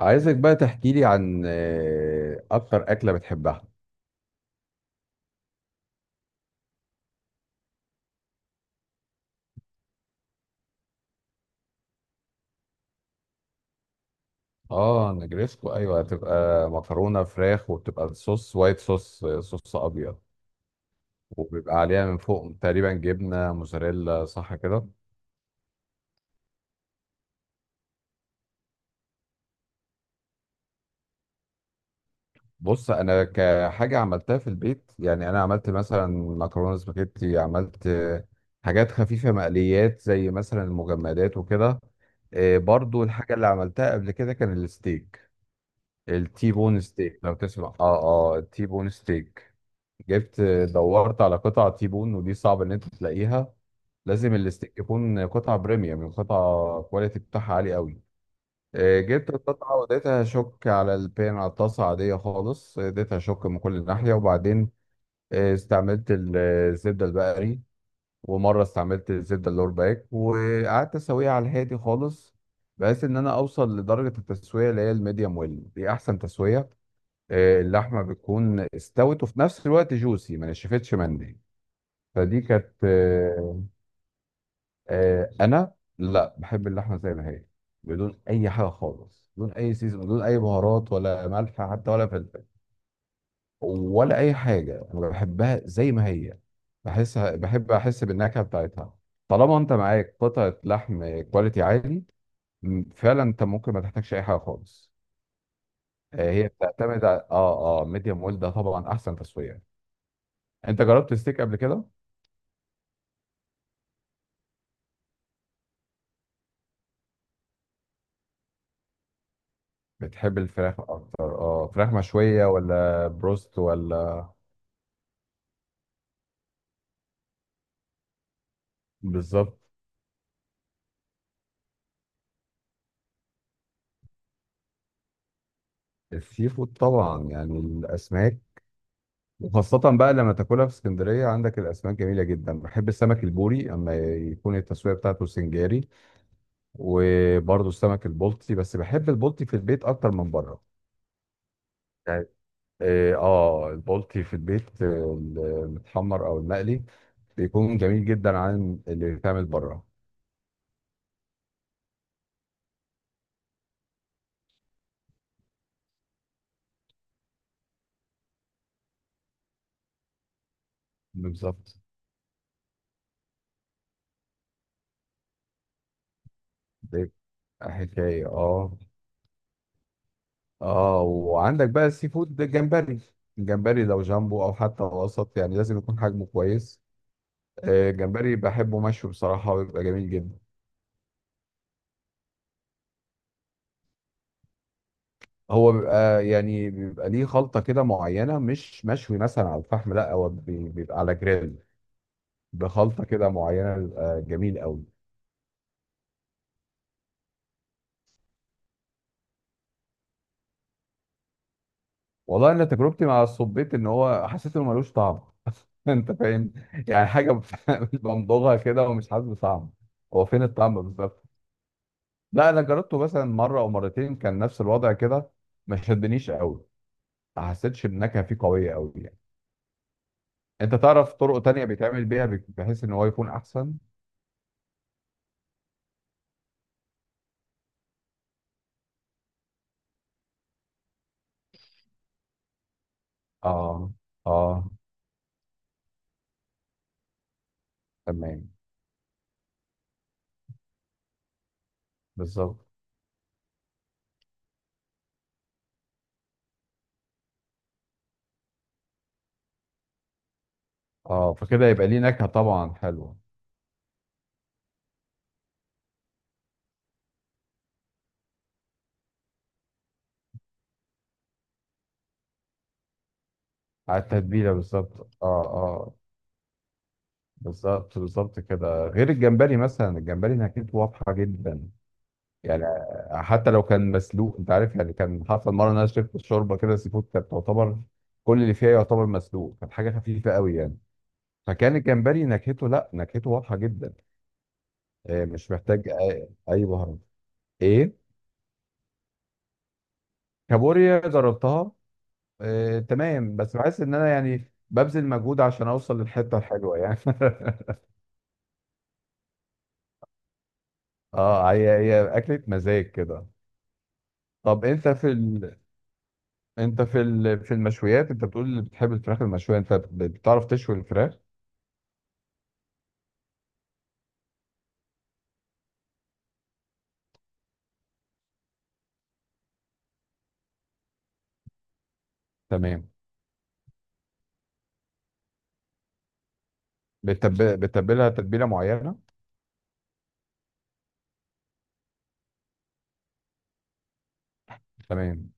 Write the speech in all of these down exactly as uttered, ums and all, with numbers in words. عايزك بقى تحكي لي عن آه، اكتر اكله بتحبها؟ اه، نجريسكو، ايوه، بتبقى مكرونه فراخ وبتبقى الصوص وايت صوص، آه، صوص ابيض. وبيبقى عليها من فوق تقريبا جبنه موزاريلا، صح كده؟ بص، انا كحاجه عملتها في البيت، يعني انا عملت مثلا مكرونه سباجيتي، عملت آه، حاجات خفيفه، مقليات زي مثلا المجمدات وكده. آه، برضو الحاجة اللي عملتها قبل كده كان الستيك. التي بون ستيك، لو تسمع، اه. اه، التي بون ستيك. جبت دورت على قطع تيبون، ودي صعب ان انت تلاقيها. لازم الاستيك يكون قطعة بريميوم، قطعة كواليتي بتاعها عالي قوي. آه، جبت القطعة واديتها شوك على البان، على الطاسة عادية خالص، اديتها شوك من كل ناحية، وبعدين آه، استعملت ال- آه، الزبدة البقري. ومرة استعملت الزبدة اللور باك، وقعدت اسويها على الهادي خالص، بحيث ان انا اوصل لدرجة التسوية اللي هي الميديوم ويل، دي احسن تسوية. آه، اللحمة بتكون استوت، وفي نفس الوقت جوسي، ما نشفتش مني. فدي كانت آه، آه، انا لا، بحب اللحمه زي ما هي. بدون اي حاجه خالص، بدون اي سيزون، بدون اي بهارات، ولا ملح حتى، ولا فلفل. ولا اي حاجه، انا بحبها زي ما هي. بحسها، بحب احس بالنكهه بتاعتها. طالما انت معاك قطعه لحم كواليتي عالي، م- فعلا انت ممكن ما تحتاجش اي حاجه خالص. آه، هي بتعتمد على اه اه ميديوم ويل، ده طبعا احسن تسويه. انت جربت ستيك قبل كده؟ بتحب الفراخ اكتر، اه فراخ مشويه ولا بروست ولا. بالظبط. السي فود؟ طبعا، يعني الاسماك. وخاصة بقى لما تاكلها في اسكندرية، عندك الاسماك جميلة جدا. بحب السمك البوري اما يكون التسوية بتاعته سنجاري. وبرضه السمك البلطي، بس بحب البلطي في البيت اكتر من بره. يعني، اه آه، البلطي في البيت، آه، المتحمر او المقلي، بيكون جميل جدا عن اللي بيتعمل بره. بالظبط. بيبقى حكاية، اه. اه، وعندك بقى السي فود، جمبري. الجمبري لو جامبو او حتى وسط، يعني لازم يكون حجمه كويس. آه، الجمبري بحبه مشوي، بصراحة بيبقى جميل جدا. هو بيبقى، يعني بيبقى ليه خلطة كده معينة، مش مشوي مثلا على الفحم، لا هو بي- بيبقى على جريل. بخلطة كده معينة، بيبقى جميل قوي. والله انا تجربتي مع الصبيط ان هو، حسيت انه ملوش طعم. انت فاهم؟ يعني حاجة بمضغها كده ومش حاسس بطعم. هو فين الطعم بالظبط؟ لا، انا جربته مثلا مره او مرتين، كان نفس الوضع كده. ما شدنيش قوي. ما حسيتش النكهه فيه قويه قوي، يعني. انت تعرف طرق تانية بيتعمل بيها، بك- بحيث ان هو يكون احسن؟ اه، اه، تمام. بالظبط. اه، فكده يبقى ليه نكهه طبعا حلوه. على التتبيله، بالظبط. اه، اه. بالظبط، بالظبط كده. غير الجمبري، مثلا الجمبري نكهته واضحه جدا. يعني حتى لو كان مسلوق، انت عارف يعني، كان حصل مره ان انا شربت الشوربه كده، سي فود، كانت تعتبر كل اللي فيها يعتبر مسلوق، كانت حاجه خفيفه قوي يعني. فكان الجمبري نكهته، لا نكهته واضحه جدا. آه، مش محتاج اي أي بهارات. ايه؟ كابوريا جربتها. آه، تمام، بس بحس ان انا يعني ببذل مجهود عشان اوصل للحته الحلوه، يعني اه، هي هي اكله مزاج كده. طب انت في ال... انت في ال... في المشويات، انت بتقول اللي بتحب الفراخ المشويه، انت بتعرف تشوي الفراخ؟ تمام. بتب... بتتبلها تتبيلة معينة؟ تمام،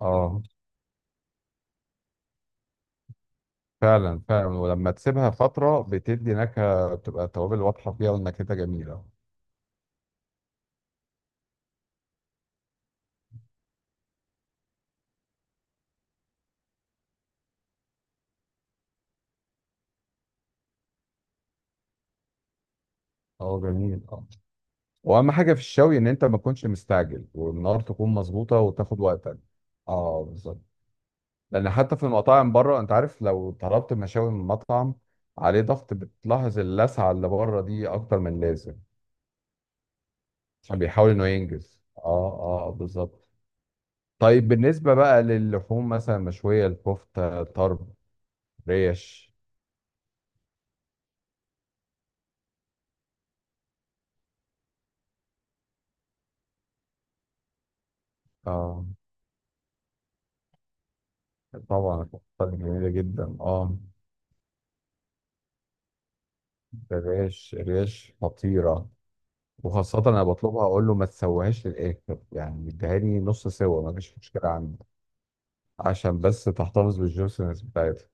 اه. فعلا فعلا، ولما تسيبها فترة بتدي نكهة، بتبقى التوابل واضحة فيها والنكهة جميلة. اه، جميل، اه. واهم حاجة في الشوي ان انت ما تكونش مستعجل، والنار تكون مظبوطة، وتاخد وقتك. اه، بالظبط. لان حتى في المطاعم بره انت عارف، لو طلبت مشاوي من مطعم عليه ضغط، بتلاحظ اللسعة اللي بره دي اكتر من لازم. عشان بيحاول انه ينجز، اه. اه، بالظبط. طيب، بالنسبة بقى للحوم مثلا مشوية، الكفتة، طرب، ريش. اه، طبعا الكفتة جميلة جدا، اه. الريش الريش خطيرة. وخاصة أنا بطلبها، أقول له ما تسويهاش للآخر، يعني اديها لي نص سوا، ما فيش مشكلة عندي. عشان بس تحتفظ بالجوسنس بتاعتها.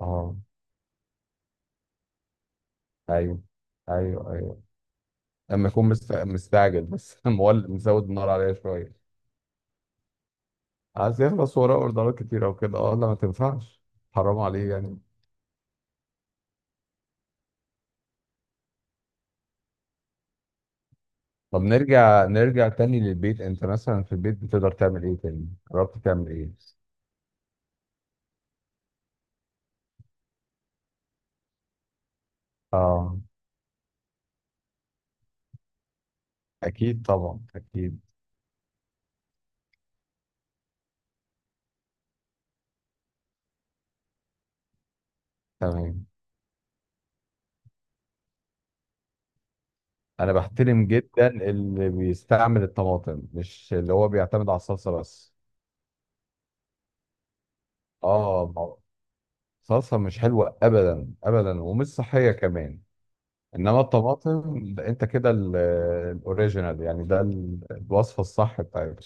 اه، أيوه، أيوه، أيوه. أما يكون مست- مستعجل بس مولد، مزود النار عليها شوية. عايز يخلص وراه أوردرات كتيرة وكده، اه، لا، ما تنفعش. حرام عليه يعني. طب، نرجع نرجع تاني للبيت، انت مثلا في البيت بتقدر تعمل ايه؟ تاني جربت تعمل ايه؟ اه، اكيد طبعا، اكيد. تمام. انا بحترم جدا اللي بيستعمل الطماطم، مش اللي هو بيعتمد على الصلصه بس. اه، ما هو الصلصه مش حلوه ابدا ابدا، ومش صحيه كمان. انما الطماطم ده، انت كده ال- الاوريجينال يعني، ده ال- الوصفه الصح بتاعتك.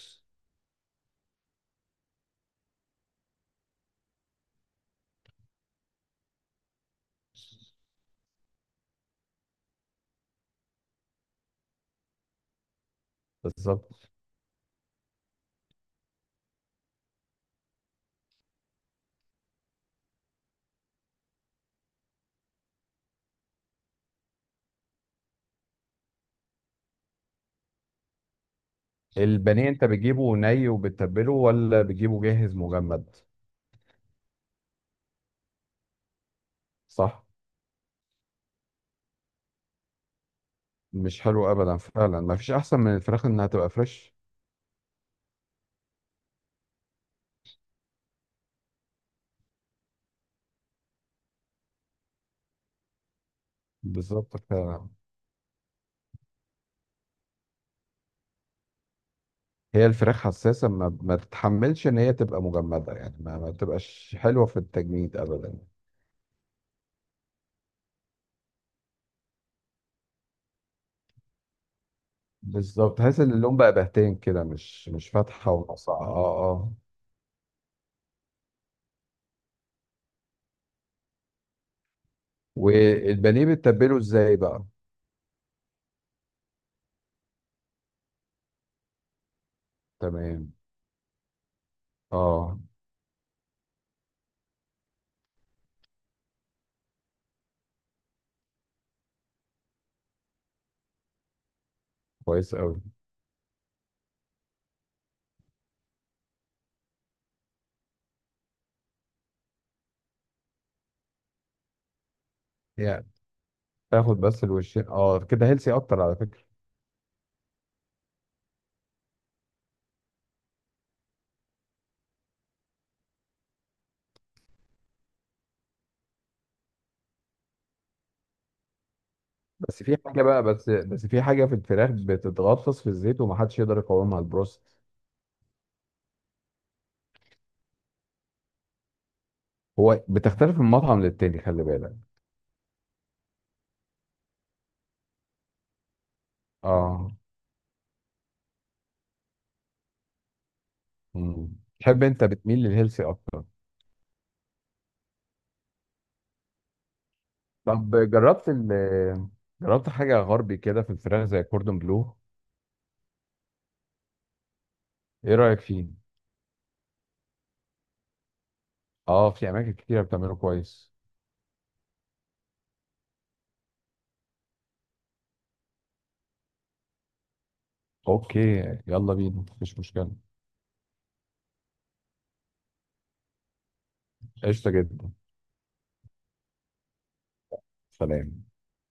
بالظبط. البانيه انت بتجيبه ني وبتتبله، ولا بتجيبه جاهز مجمد؟ صح، مش حلو ابدا، فعلا ما فيش احسن من الفراخ انها تبقى فريش. بالظبط، فعلا. هي الفراخ حساسه، ما, ما تتحملش ان هي تبقى مجمده، يعني ما, ما تبقاش حلوه في التجميد ابدا. بالظبط، تحس ان اللون بقى بهتان كده، مش مش فاتحه وناصعه، اه، اه. والبانيه بتتبله ازاي بقى؟ تمام، اه، كويس قوي. يعني تاخد بس الوشين، اه كده هيلسي اكتر على فكره. بس في حاجه بقى، بس بس في حاجه في الفراخ بتتغطس في الزيت ومحدش يقدر يقاومها، البروست. هو بتختلف من مطعم للتاني، خلي بالك. اه. مم. تحب انت بتميل للهيلثي اكتر؟ طب جربت ال جربت حاجة غربي كده في الفراخ زي كوردون بلو. ايه رأيك فيه؟ اه، في اماكن كتيرة بتعمله كويس. اوكي، يلا بينا مفيش مشكلة. قشطة جدا. سلام.